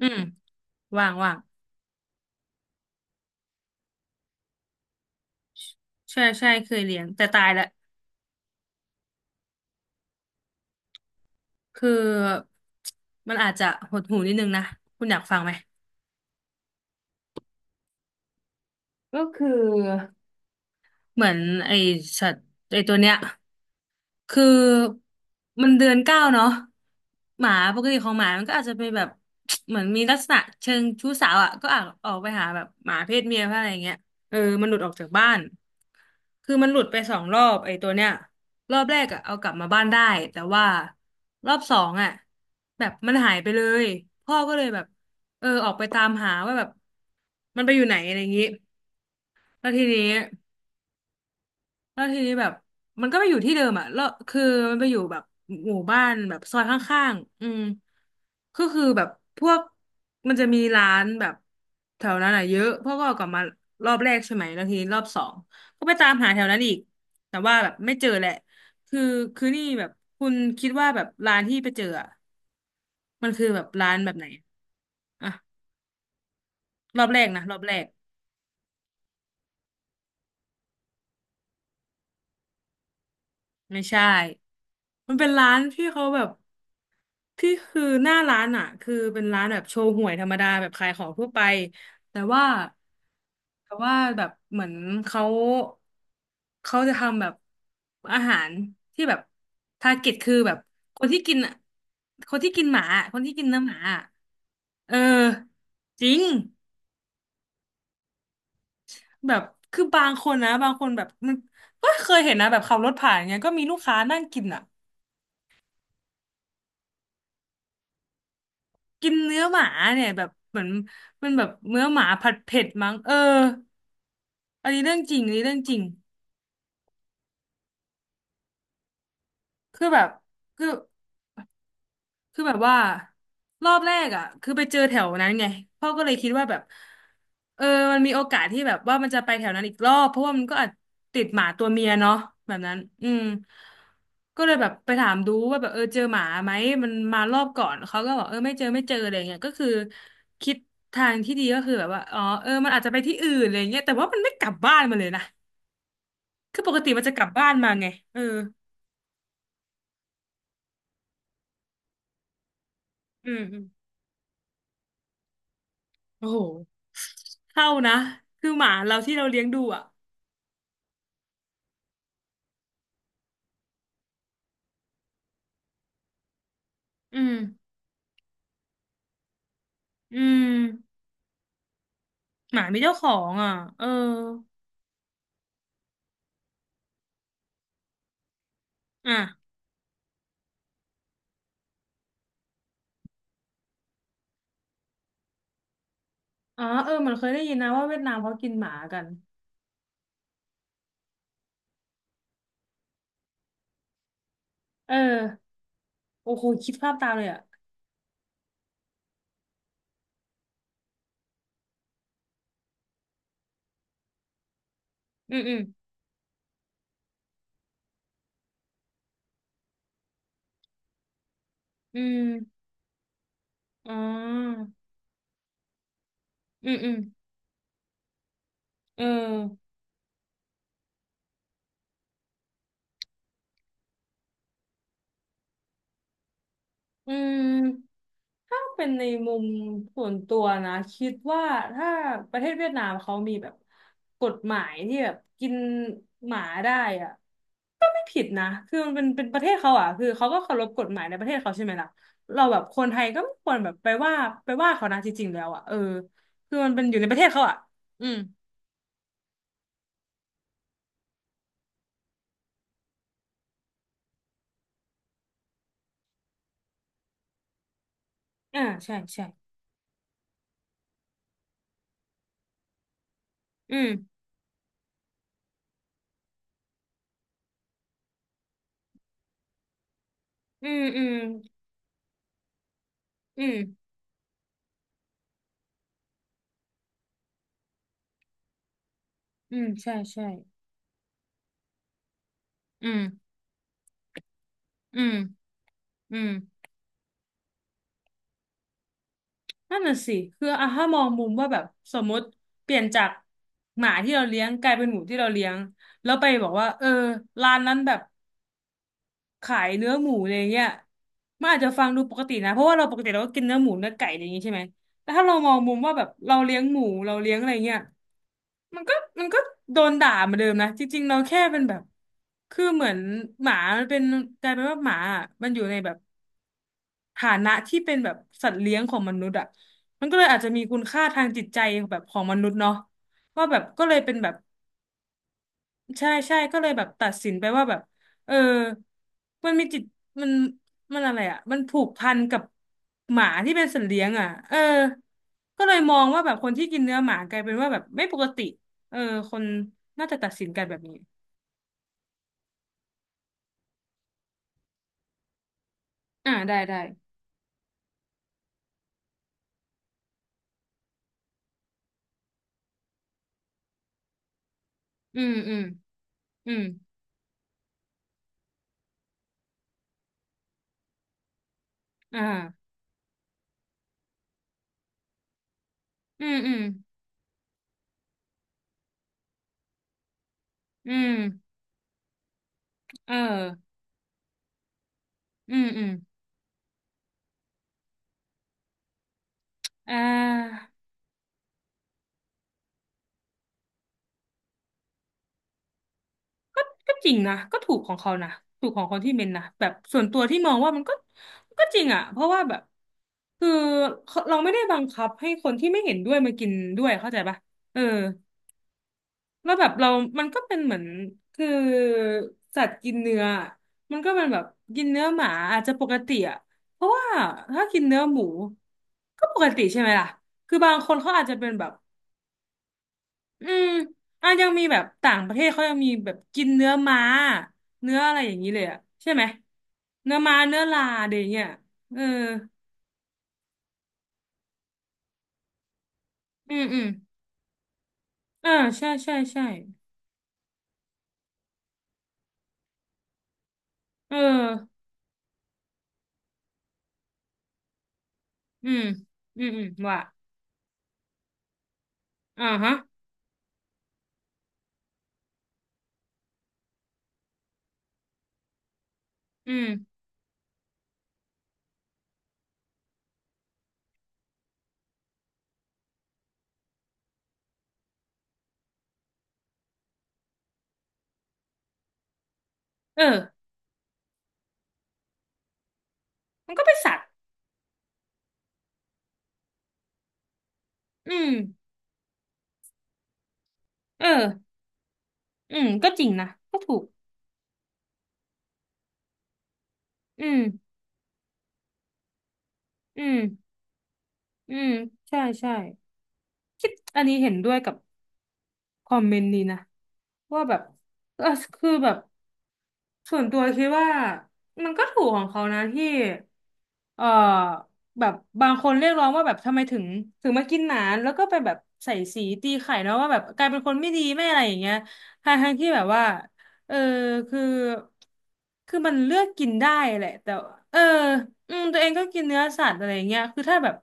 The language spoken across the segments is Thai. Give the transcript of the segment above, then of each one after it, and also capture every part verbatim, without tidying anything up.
อืมว่างว่างใช่ใช่เคยเลี้ยงแต่ตายละคือมันอาจจะหดหูนิดนึงนะคุณอยากฟังไหมก็คือ เหมือนไอสัตว์ไอตัวเนี้ยคือมันเดือนเก้าเนาะหมาปกติของหมามันก็อาจจะเป็นแบบ เหมือนมีลักษณะเชิงชู้สาวอ่ะก็อาจออกไปหาแบบหมาเพศเมียอะไรอย่างเงี้ยเออมันหลุดออกจากบ้านคือมันหลุดไปสองรอบไอ้ตัวเนี้ยรอบแรกอ่ะเอากลับมาบ้านได้แต่ว่ารอบสองอ่ะแบบมันหายไปเลยพ่อก็เลยแบบเออออกไปตามหาว่าแบบมันไปอยู่ไหนอะไรอย่างงี้แล้วทีนี้ แล้วทีนี้แบบมันก็ไปอยู่ที่เดิมอ่ะแล้วคือมันไปอยู่แบบหมู่บ้านแบบซอยข้างๆอืมก็คือแบบพวกมันจะมีร้านแบบแถวนั้นอ่ะเยอะพวกก็ออกกลับมารอบแรกใช่ไหมแล้วทีนี้รอบสองก็ไปตามหาแถวนั้นอีกแต่ว่าแบบไม่เจอแหละคือคือนี่แบบคุณคิดว่าแบบร้านที่ไปเจออ่ะมันคือแบบร้านแบบไหนอ่ะรอบแรกนะรอบแรก ไม่ใช่ มันเป็นร้านที่เขาแบบ ที่คือหน้าร้านอ่ะ คือเป็นร้านแบบโชว์หวยธรรมดาแบบขายของทั่วไป แต่ว่าแต่ว่าแบบเหมือนเขาเขาจะทำแบบอาหารที่แบบทาร์เก็ตคือแบบคนที่กินอะคนที่กินหมาอะคนที่กินเนื้อหมาอะเออ จริงแบบคือบางคนนะบางคนแบบมันก็เคยเห็นนะแบบขับรถผ่านเงี้ยก็มีลูกค้านั่งกินอ่ะ กินเนื้อหมาเนี่ยแบบเหมือนมันแบบเนื้อหมาผัดเผ็ดมั้งเอออันนี้เรื่องจริงอันนี้เรื่องจริงคือแบบคือ คือแบบว่ารอบแรกอ่ะคือไปเจอแถวนั้นไงพ่อก็เลยคิดว่าแบบเออมันมีโอกาสที่แบบว่ามันจะไปแถวนั้นอีกรอบเพราะว่ามันก็อาจติดหมาตัวเมียเนาะแบบนั้นอืมก็เลยแบบไปถามดูว่าแบบเออเจอหมาไหมมันมารอบก่อนเขาก็บอกเออไม่เจอไม่เจออะไรเงี้ยก็คือคิดทางที่ดีก็คือแบบว่าอ๋อเออมันอาจจะไปที่อื่นอะไรเงี้ยแต่ว่ามันไม่กลับบ้านมาเลยนะคือปกติมันจะกลับบ้านมาไงเอออืมอืมโอ้โหเท่านะคือหมาเราที่เราเลี้ยงดูอ่ะ อืมอืมหมามีเจ้าของอ่ะเอออ่ะอ๋อเออเหมันเคยได้ยินนะว่าเวียดนามเขากินหมากันเออโอ้โหคิดภาพตามเลยอ่ะอืมอืมอืมอ๋ออืมอืมเออ อืมถ้าเป็นในมุมส่วนตัวนะคิดว่าถ้าประเทศเวียดนามเขามีแบบกฎหมายที่แบบกินหมาได้อ่ะก็ไม่ผิดนะคือมันเป็นเป็นประเทศเขาอ่ะคือเขาก็เคารพกฎหมายในประเทศเขาใช่ไหมล่ะเราแบบคนไทยก็ไม่ควรแบบไปว่าไปว่าเขานะจริงๆแล้วอ่ะเออคือมันเป็นอยู่ในประเทศเขาอ่ะอืมอ่าใช่ใช่อืมอืมอืมอืมอืมใช่ใช่อืมอืมอืม นั่นน่ะสิคืออ่ะถ้ามองมุมว่าแบบสมมติเปลี่ยนจากหมาที่เราเลี้ยงกลายเป็นหมูที่เราเลี้ยงแล้วไปบอกว่าเออร้านนั้นแบบขายเนื้อหมูอะไรเงี้ยมันอาจจะฟังดูปกตินะเพราะว่าเราปกติเราก็กินเนื้อหมูเนื้อไก่อะไรอย่างงี้ใช่ไหมแต่ถ้าเรามองมุมว่าแบบเราเลี้ยงหมูเราเลี้ยงอะไรเงี้ยมันก็มันก็โดนด่าเหมาเดิมนะจริงๆเราแค่เป็นแบบคือเหมือนหมามันเป็นกลายเป็นว่าหมาอะมันอยู่ในแบบ ฐานะที่เป็นแบบสัตว์เลี้ยงของมนุษย์อ่ะมันก็เลยอาจจะมีคุณค่าทางจิตใจแบบของมนุษย์เนาะว่าแบบก็เลยเป็นแบบใช่ใช่ก็เลยแบบตัดสินไปว่าแบบเออมันมีจิตมันมันอะไรอ่ะมันผูกพันกับหมาที่เป็นสัตว์เลี้ยงอ่ะเออก็เลยมองว่าแบบคนที่กินเนื้อหมากลายเป็นว่าแบบไม่ปกติเออคนน่าจะตัดสินกันแบบนี้อ่าได้ได้อืมอืมอืมอ่าอืมอืมอืมเอออืมอืม อ่าก็ก็จริงนะก็ถูกของเขานะถูกของคนที่เมนนะแบบส่วนตัวที่มองว่ามันก็มันก็จริงอ่ะเพราะว่าแบบคือเราไม่ได้บังคับให้คนที่ไม่เห็นด้วยมากินด้วยเข้าใจปะเออแล้วแบบเรามันก็เป็นเหมือนคือสัตว์กินเนื้อมันก็เป็นแบบกินเนื้อหมาอาจจะปกติอ่ะเพราะว่าถ้ากินเนื้อหมูก็ปกติใช่ไหมล่ะคือบางคนเขาอาจจะเป็นแบบ อืมอ่ะยังมีแบบต่างประเทศเขายังมีแบบกินเนื้อม้าเนื้ออะไรอย่างนี้เลยอะใช่ไหมเนื้อม้าเนื้อลาอะไรอย่างเงี้ยเอออืมอืมเออใช่ใช่ใช่เอออืมอืมอืมว่ะอ่าฮะอืมเออมันก็เป็นสัตว์อืมเอออืมก็จริงนะก็ถูกอืมอืมอืมใช่ใช่คิดอันนี้เห็นด้วยกับคอมเมนต์นี้นะว่าแบบเออคือแบบ ส่วนตัวคิดว่ามันก็ถูกของเขานะที่ เอ่อแบบบางคนเรียกร้องว่าแบบทำไมถึงถึงมากินหนานแล้วก็ไปแบบใส่สีตีไข่เนาะว่าแบบกลายเป็นคนไม่ดีไม่อะไรอย่างเงี้ยทั้งทั้งที่แบบว่าเออคือคือมันเลือกกินได้แหละแต่เอออืมตัวเองก็กินเนื้อสัตว์อะไรอย่างเงี้ยคือถ้าแบบ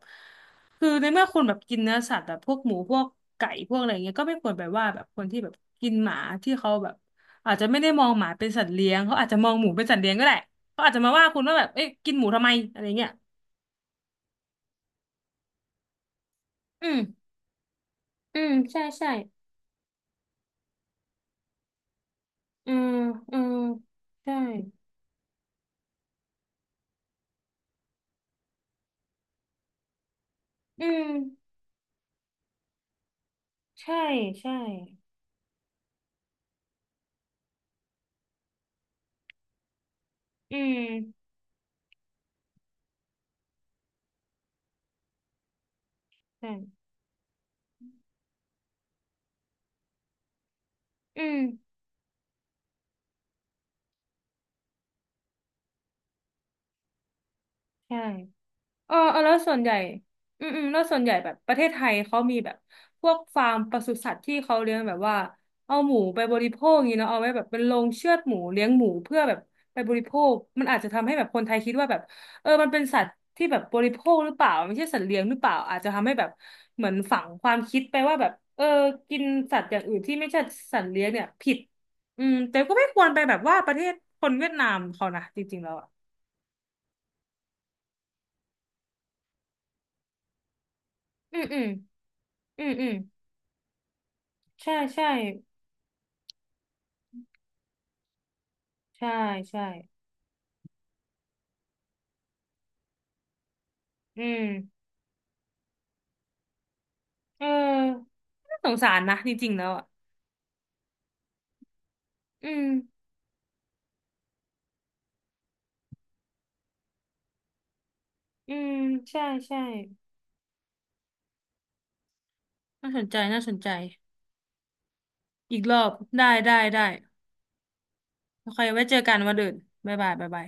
คือในเมื่อคนแบบกินเนื้อสัตว์แบบพวกหมูพวกไก่พวกอะไรอย่างเงี้ยก็ไม่ควรไปว่าแบบคนที่แบบกินหมาที่เขาแบบอาจจะไม่ได้มองหมาเป็นสัตว์เลี้ยงเขาอาจจะมองหมูเป็นสัตว์เลี้ยงก็ได้ เขาอาจจะมาว่าคุณว่าแบบเอ๊ะกินหมูทำไมอะไรเงี้ยอืมอืมใช่ใช่อืมอืมใช่ อืมใช่ใช่อืมใช่อืมใช่ เออเออแล้วส่วนใหญ่อืมอืมแล้วส่วนใหญ่แบบประเทศไทยเขามีแบบพวกฟาร์มปศุสัตว์ที่เขาเลี้ยงแบบว่าเอาหมูไปบริโภคอย่างนี้เนาะเอาไว้แบบเป็นโรงเชือดหมูเลี้ยงหมูเพื่อแบบไปบริโภคมันอาจจะทำให้แบบคนไทยคิดว่าแบบเออมันเป็นสัตว์ที่แบบบริโภคหรือเปล่าไม่ใช่สัตว์เลี้ยงหรือเปล่าอาจจะทำให้แบบเหมือนฝังความคิดไปว่าแบบเออกินสัตว์อย่างอื่นที่ไม่ใช่สัตว์เลี้ยงเนี่ยผิดอืมแต่ก็ไม่ควรไปแบบว่าประเทศคนเวียดนามเขานะจริงๆแล้วอ่ะอืมอืมอืมอืมใช่ใช่ ใช่ใช่ อืมเออน่าสงสารนะจริงๆแล้วอ่ะ อืมอืมใช่ใช่น่าสนใจน่าสนใจ อีกรอบได้ได้ได้โอเคไว้เจอกันวันอื่นบ๊ายบายบ๊ายบาย